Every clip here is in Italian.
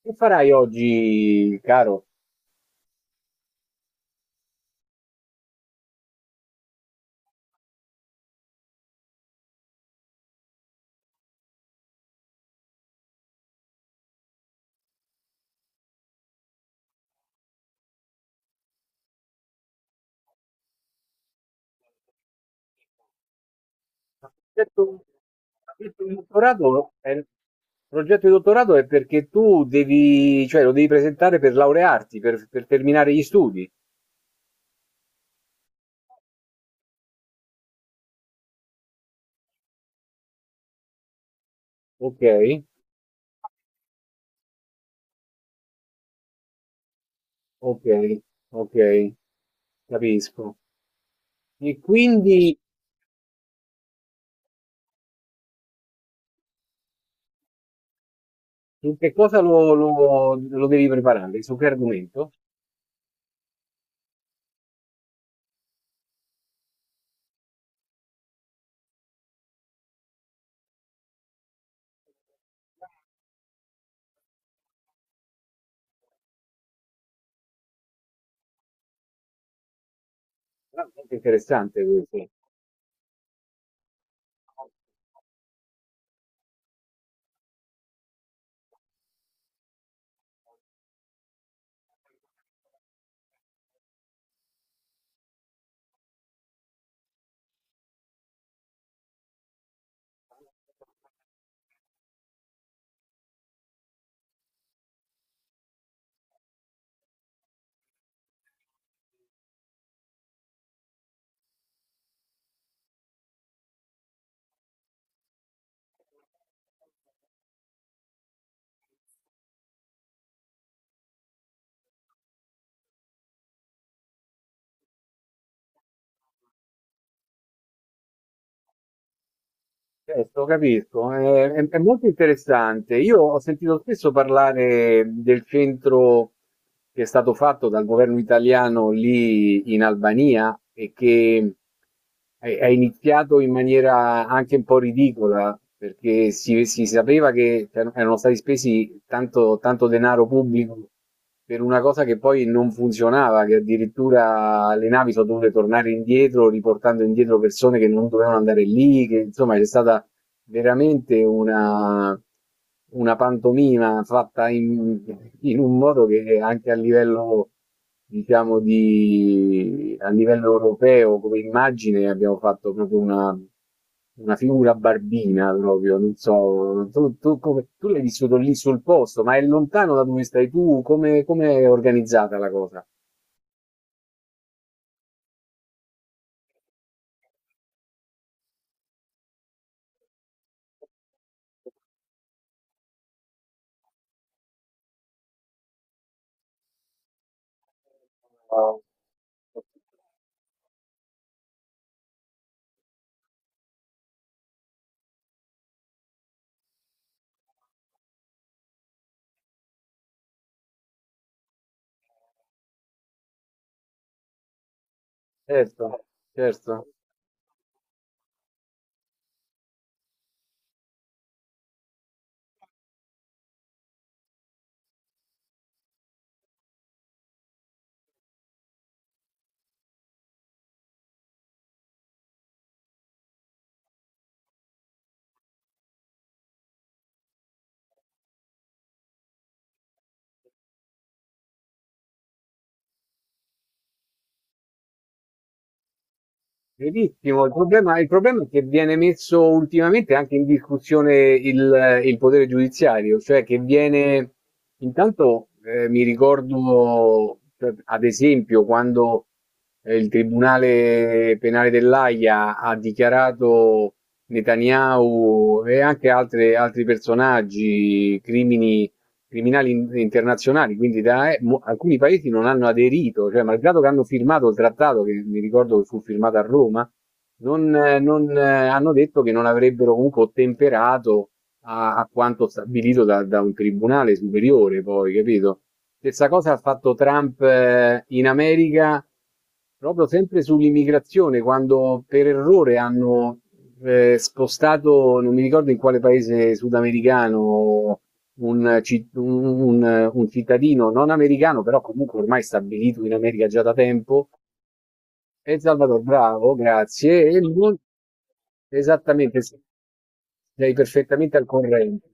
Che farai oggi, caro? Il progetto, il progetto di dottorato è, il progetto di dottorato è perché tu devi, cioè lo devi presentare per laurearti, per terminare gli studi. Ok, ok, ok, capisco. E quindi su che cosa lo, lo devi preparare? Su che argomento? Ah, molto interessante questo. Certo, capisco, è, è molto interessante. Io ho sentito spesso parlare del centro che è stato fatto dal governo italiano lì in Albania e che è iniziato in maniera anche un po' ridicola, perché si sapeva che erano stati spesi tanto, tanto denaro pubblico per una cosa che poi non funzionava, che addirittura le navi sono dovute tornare indietro, riportando indietro persone che non dovevano andare lì, che insomma c'è stata veramente una pantomima fatta in, in un modo che anche a livello, diciamo, di, a livello europeo come immagine abbiamo fatto proprio una figura barbina proprio, non so, tu, tu come, tu l'hai vissuto lì sul posto, ma è lontano da dove stai tu, come, come è organizzata la cosa? Certo, certo. Verissimo, il problema è che viene messo ultimamente anche in discussione il potere giudiziario, cioè che viene, intanto mi ricordo, cioè, ad esempio, quando il Tribunale Penale dell'Aia ha dichiarato Netanyahu e anche altri personaggi crimini criminali internazionali, quindi da, alcuni paesi non hanno aderito, cioè malgrado che hanno firmato il trattato, che mi ricordo che fu firmato a Roma, non, non, hanno detto che non avrebbero comunque ottemperato a, a quanto stabilito da, da un tribunale superiore, poi, capito? Stessa cosa ha fatto Trump in America, proprio sempre sull'immigrazione, quando per errore hanno spostato, non mi ricordo in quale paese sudamericano, un, un cittadino non americano, però comunque ormai stabilito in America già da tempo, è Salvador Bravo, grazie. E esattamente, sì. Sei perfettamente al corrente.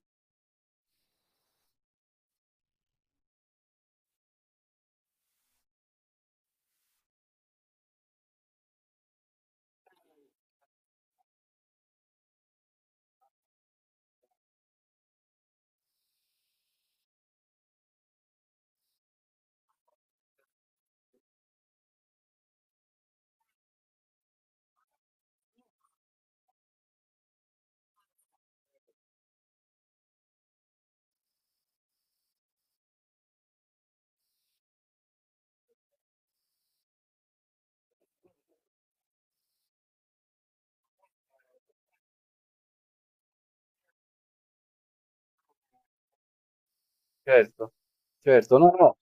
Certo, certo, no, no,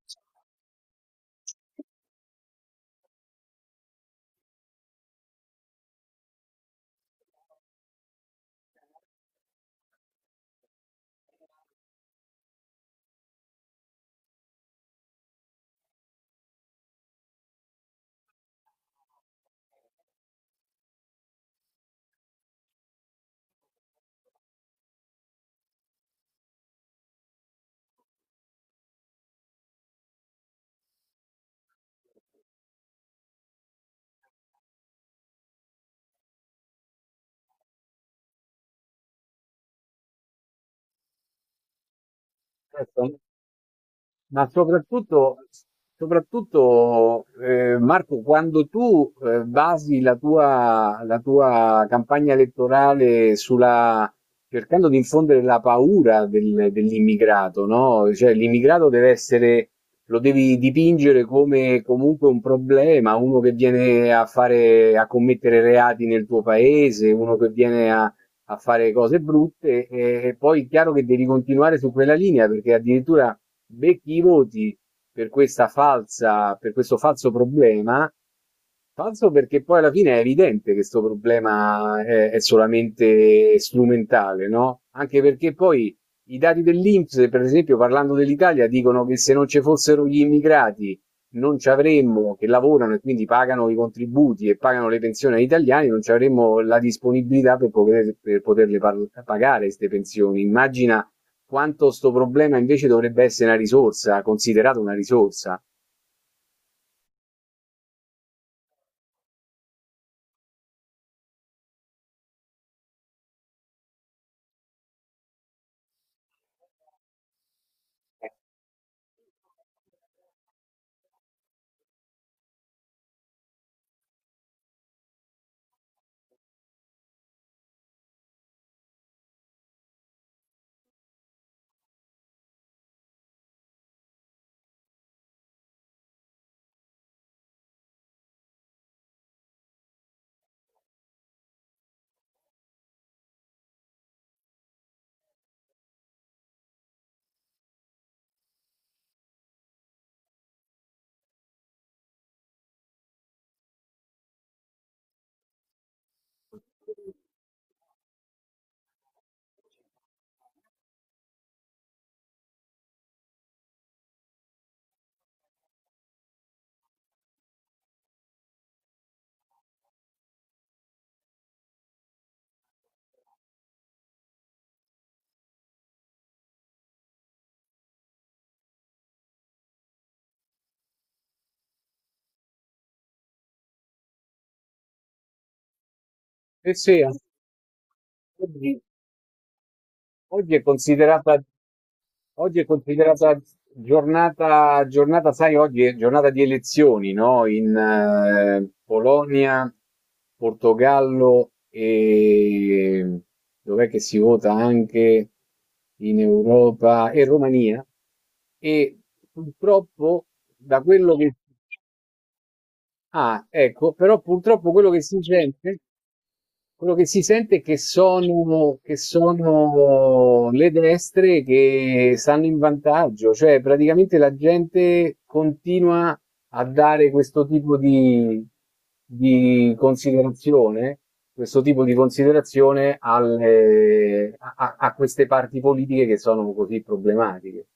certo. Ma soprattutto, soprattutto Marco, quando tu basi la tua campagna elettorale sulla, cercando di infondere la paura dell'immigrato, no? Cioè, l'immigrato deve essere, lo devi dipingere come comunque un problema, uno che viene a fare, a commettere reati nel tuo paese, uno che viene a a fare cose brutte, e poi è chiaro che devi continuare su quella linea perché addirittura becchi i voti per questa falsa, per questo falso problema pazzo perché poi alla fine è evidente che questo problema è solamente strumentale, no? Anche perché poi i dati dell'INPS, per esempio, parlando dell'Italia, dicono che se non ci fossero gli immigrati non ci avremmo, che lavorano e quindi pagano i contributi e pagano le pensioni agli italiani, non ci avremmo la disponibilità per, per pagare queste pensioni. Immagina quanto questo problema invece dovrebbe essere una risorsa, considerato una risorsa. Eh sì, assolutamente. Oggi è considerata, oggi è considerata giornata, giornata, sai, oggi è giornata di elezioni, no? In Polonia, Portogallo e dov'è che si vota anche in Europa e Romania. E purtroppo, da quello che... Ah, ecco, però purtroppo quello che si sente... Quello che si sente è che sono le destre che stanno in vantaggio, cioè praticamente la gente continua a dare questo tipo di considerazione, questo tipo di considerazione a queste parti politiche che sono così problematiche.